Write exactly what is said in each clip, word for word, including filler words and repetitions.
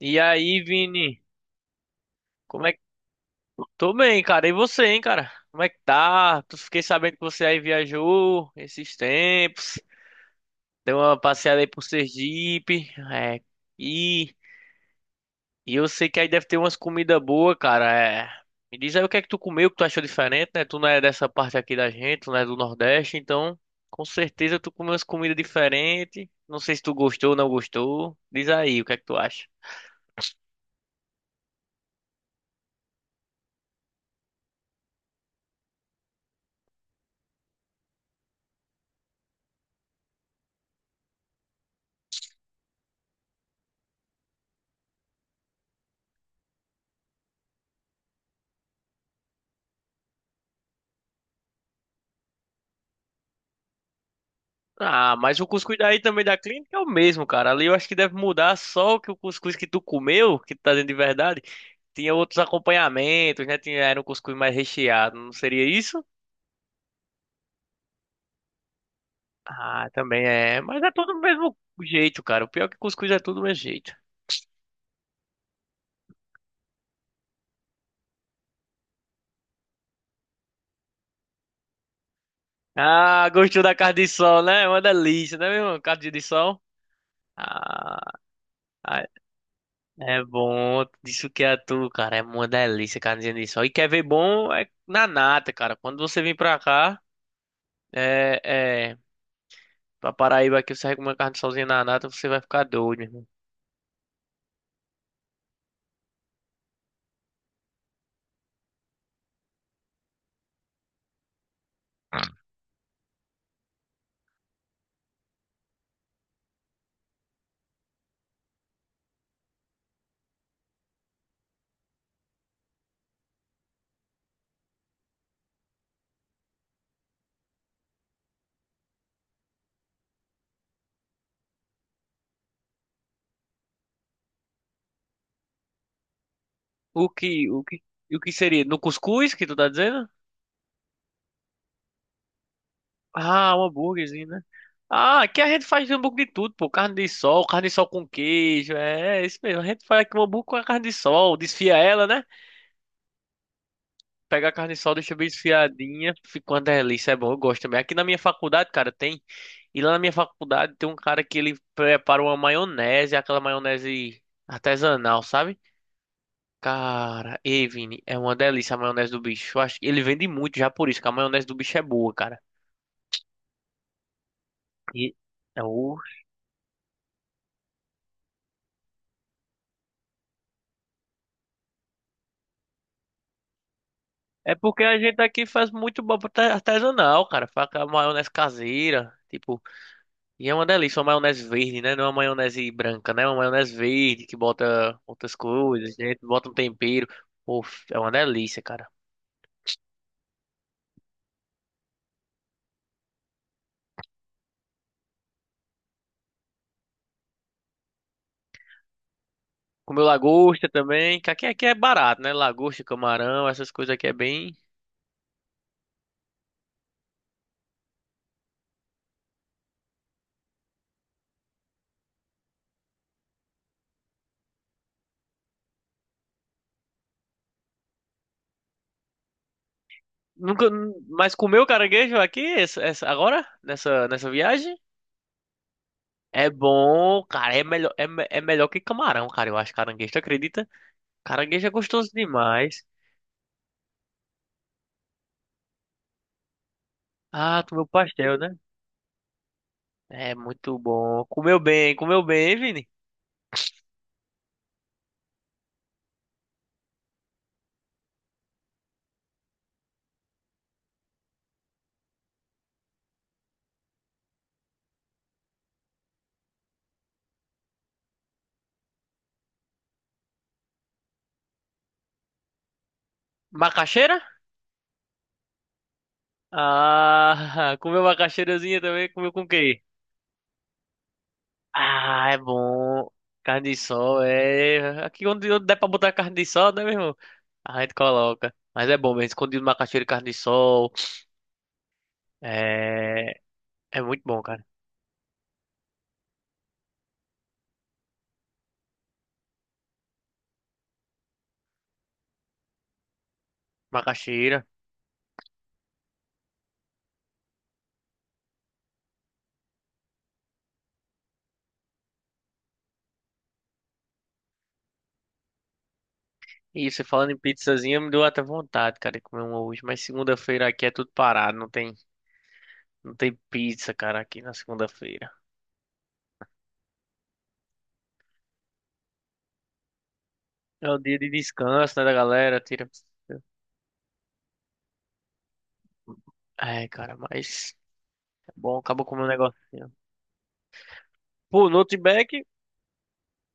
E aí, Vini? Como é que. Tô bem, cara. E você, hein, cara? Como é que tá? Tu fiquei sabendo que você aí viajou esses tempos. Deu uma passeada aí por Sergipe. É. E, e eu sei que aí deve ter umas comidas boas, cara. É. Me diz aí o que é que tu comeu, que tu achou diferente, né? Tu não é dessa parte aqui da gente, tu não é do Nordeste, então com certeza tu comeu umas comidas diferentes. Não sei se tu gostou ou não gostou. Diz aí o que é que tu acha. Ah, mas o cuscuz daí também da clínica é o mesmo, cara. Ali eu acho que deve mudar só que o cuscuz que tu comeu, que tu tá dentro de verdade, tinha outros acompanhamentos, né? Tinha, era um cuscuz mais recheado, não seria isso? Ah, também é. Mas é tudo do mesmo jeito, cara. O pior é que cuscuz é tudo do mesmo jeito. Ah, gostou da carne de sol, né? É uma delícia, né, meu irmão? Carne de sol. Ah, ai, é bom. Isso que é tu, cara. É uma delícia, carne de sol. E quer ver bom é na nata, cara. Quando você vir pra cá. É, é, Pra Paraíba aqui, você com uma carne sozinha na nata, você vai ficar doido, meu irmão. O que, o que, o que seria? No cuscuz que tu tá dizendo? Ah, um hambúrguerzinho, né? Ah, aqui a gente faz hambúrguer de tudo, pô. Carne de sol, carne de sol com queijo. É, é isso mesmo. A gente faz aqui um hambúrguer com a carne de sol. Desfia ela, né? Pega a carne de sol, deixa bem desfiadinha. Fica uma delícia. É bom, eu gosto também. Aqui na minha faculdade, cara, tem. E lá na minha faculdade tem um cara que ele prepara uma maionese, aquela maionese artesanal, sabe? Cara, ei, Vini, é uma delícia a maionese do bicho. Eu acho que ele vende muito já por isso, que a maionese do bicho é boa, cara. E é, o- é porque a gente aqui faz muito bo- arte- artesanal, cara. Faz aquela maionese caseira, tipo, e é uma delícia, uma maionese verde, né? Não é uma maionese branca, né? É uma maionese verde que bota outras coisas, né? Bota um tempero. Pô, é uma delícia, cara. Comeu lagosta também, que aqui, aqui é barato, né? Lagosta, camarão, essas coisas aqui é bem. Nunca, mas comer o caranguejo aqui, essa, essa- agora, nessa, nessa viagem, é bom, cara, é melhor, é, me- é melhor que camarão, cara, eu acho caranguejo, tu acredita? Caranguejo é gostoso demais. Ah, comeu pastel, né? É muito bom. Comeu bem, comeu bem, hein, Vini? Macaxeira? Ah, comeu macaxeirazinha também, comeu com o quê? Ah, é bom. Carne de sol, é. Aqui onde, onde der pra botar carne de sol, né, meu irmão? A gente coloca. Mas é bom mesmo, escondido macaxeira e carne de sol. É, é muito bom, cara. Macaxeira. E você falando em pizzazinha, me deu até vontade, cara, de comer uma hoje. Mas segunda-feira aqui é tudo parado. Não tem, não tem pizza, cara, aqui na segunda-feira. É o dia de descanso, né, da galera. Tira. É, cara, mas é bom, acabou comendo um negocinho. Pô, no Outback,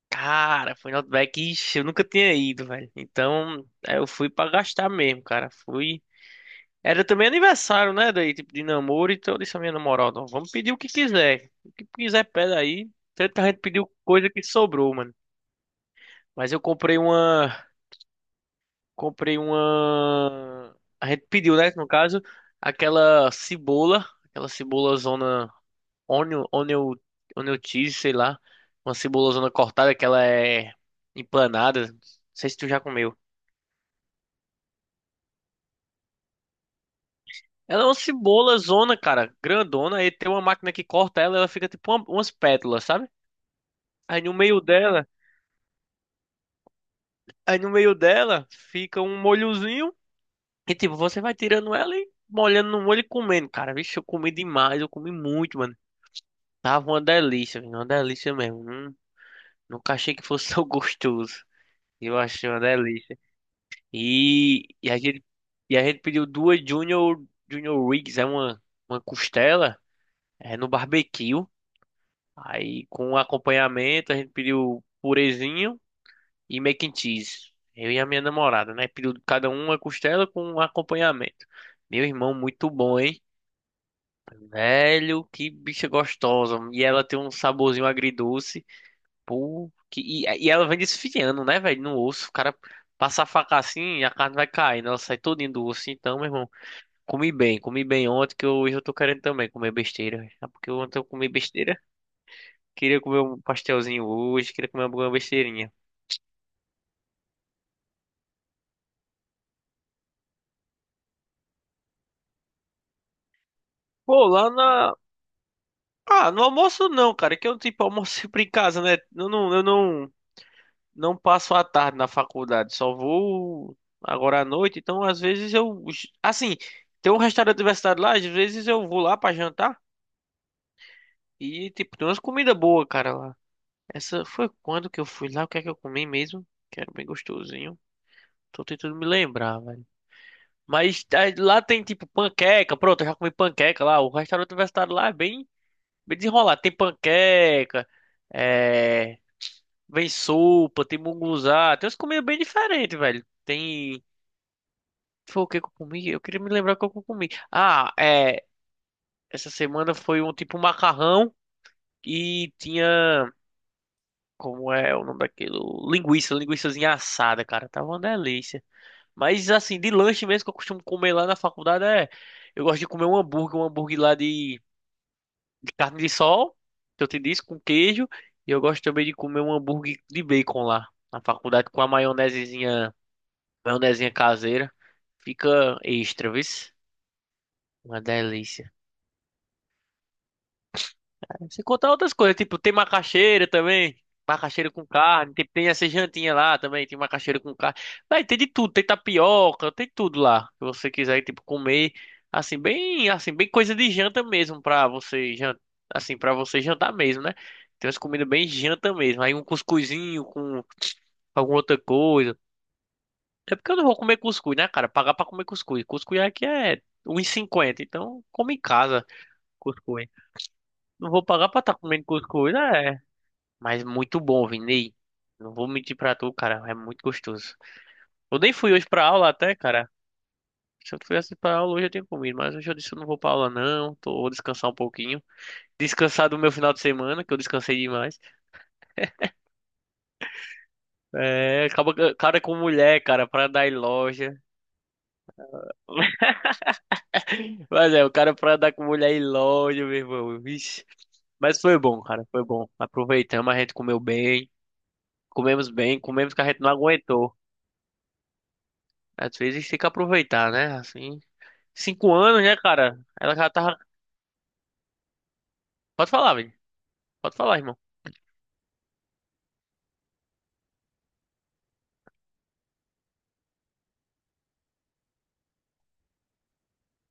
cara, foi no Outback, ixi, eu nunca tinha ido, velho. Então, é, eu fui pra gastar mesmo, cara. Fui. Era também aniversário, né? Daí, tipo, de namoro. Então eu disse à minha namorada, ó, vamos pedir o que quiser. O que quiser, pede aí. Tanta gente pediu coisa que sobrou, mano. Mas eu comprei uma. Comprei uma. A gente pediu, né? No caso, aquela cebola. Aquela cebola zona. Onion, onion, onion cheese, sei lá. Uma cebola zona cortada que ela é empanada. Não sei se tu já comeu. Ela é uma cebola zona, cara, grandona, e tem uma máquina que corta ela, ela fica tipo uma- umas pétalas, sabe? Aí no meio dela, aí no meio dela fica um molhozinho e tipo, você vai tirando ela e molhando no molho e comendo. Cara, vixe, eu comi demais, eu comi muito, mano. Tava uma delícia, viu? Uma delícia mesmo. Hum, nunca achei que fosse tão gostoso. Eu achei uma delícia. E, e a gente, e a gente pediu duas Junior, Junior Rigs, é uma, uma costela, é no barbecue. Aí com acompanhamento a gente pediu purezinho e mac and cheese. Eu e a minha namorada, né? Pediu cada um uma costela com um acompanhamento. Meu irmão, muito bom, hein? Velho, que bicha gostosa. E ela tem um saborzinho agridoce. Pô, que... e, e ela vem desfiando, né, velho? No osso. O cara passa a faca assim e a carne vai caindo. Ela sai todinha do osso. Então, meu irmão, comi bem. Comi bem ontem, que hoje eu tô querendo também comer besteira. É porque ontem eu comi besteira. Queria comer um pastelzinho hoje, queria comer alguma besteirinha. Pô, lá na, Ah, no almoço não, cara, é que eu tipo almoço sempre em casa, né? Eu não, eu não, não passo a tarde na faculdade, só vou agora à noite, então às vezes eu, assim, tem um restaurante universitário lá, às vezes eu vou lá pra jantar e tipo tem umas comidas boas, cara, lá. Essa foi quando que eu fui lá, o que é que eu comi mesmo? Que era bem gostosinho. Tô tentando me lembrar, velho. Mas ah, lá tem tipo panqueca, pronto, eu já comi panqueca lá. O restaurante universitário lá é bem, bem desenrolado. Tem panqueca, é, Vem sopa, tem munguzá, tem umas comidas bem diferentes, velho. Tem. Foi o que que eu comi? Eu queria me lembrar o que eu comi. Ah, é. Essa semana foi um tipo macarrão e tinha. Como é o nome daquilo? Linguiça, linguiçazinha assada, cara. Tava uma delícia. Mas assim, de lanche mesmo que eu costumo comer lá na faculdade é. Eu gosto de comer um hambúrguer, um hambúrguer lá de, de carne de sol, que eu te disse, com queijo. E eu gosto também de comer um hambúrguer de bacon lá na faculdade com a maionesezinha. Maionezinha caseira. Fica extra, viu? Uma delícia. Você contar outras coisas, tipo, tem macaxeira também. Macaxeira com carne. Tem, tem essa jantinha lá também. Tem macaxeira com carne. Vai, tem de tudo. Tem tapioca, tem tudo lá. Se você quiser, tipo, comer. Assim, bem, assim, bem coisa de janta mesmo pra você jantar. Assim, pra você jantar mesmo, né? Tem umas comidas bem janta mesmo. Aí um cuscuzinho com alguma outra coisa. É porque eu não vou comer cuscuz, né, cara? Pagar pra comer cuscuz. Cuscuz aqui é um e cinquenta, então come em casa cuscuz. Não vou pagar pra estar comendo cuscuz, é. Mas muito bom, Vini. Não vou mentir pra tu, cara. É muito gostoso. Eu nem fui hoje pra aula até, cara. Se eu tivesse pra aula hoje eu tinha comido, mas hoje eu disse eu não vou pra aula não. Tô, vou descansar um pouquinho. Descansar do meu final de semana, que eu descansei demais. É, acaba, cara, com mulher, cara, pra dar em loja. Mas é, o cara pra andar com mulher aí longe, meu irmão. Vixe. Mas foi bom, cara, foi bom. Aproveitamos, a gente comeu bem, comemos bem, comemos que a gente não aguentou. Às vezes tem que aproveitar, né? Assim, cinco anos, né, cara? Ela já tava. Pode falar, velho. Pode falar, irmão.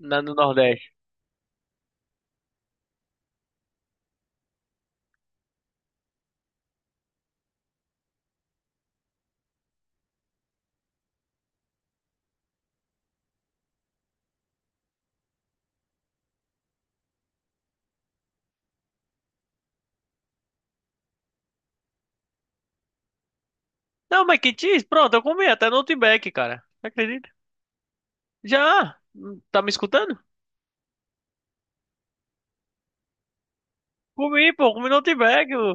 Na, no Nordeste. Não, mas que diz? Pronto, eu comi até no Outback, cara. Acredita? Já! Tá me escutando? Comi, pô, comi no Outback o,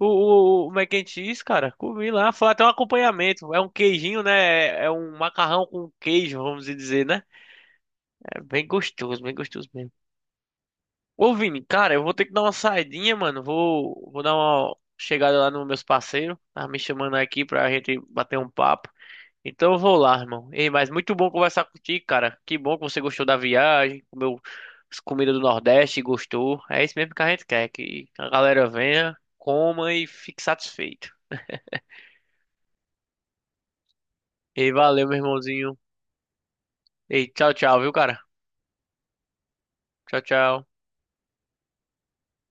o, o, o mac and cheese, cara. Comi lá, foi até um acompanhamento. É um queijinho, né? É um macarrão com queijo, vamos dizer, né? É bem gostoso, bem gostoso mesmo. Ô, Vini, cara, eu vou ter que dar uma saidinha, mano. Vou, vou dar uma chegada lá nos meus parceiros. Tá me chamando aqui pra gente bater um papo. Então eu vou lá, irmão. Ei, mas muito bom conversar contigo, cara. Que bom que você gostou da viagem, comeu as comidas do Nordeste, e gostou. É isso mesmo que a gente quer, que a galera venha, coma e fique satisfeito. Ei, valeu, meu irmãozinho. Ei, tchau, tchau, viu, cara? Tchau, tchau.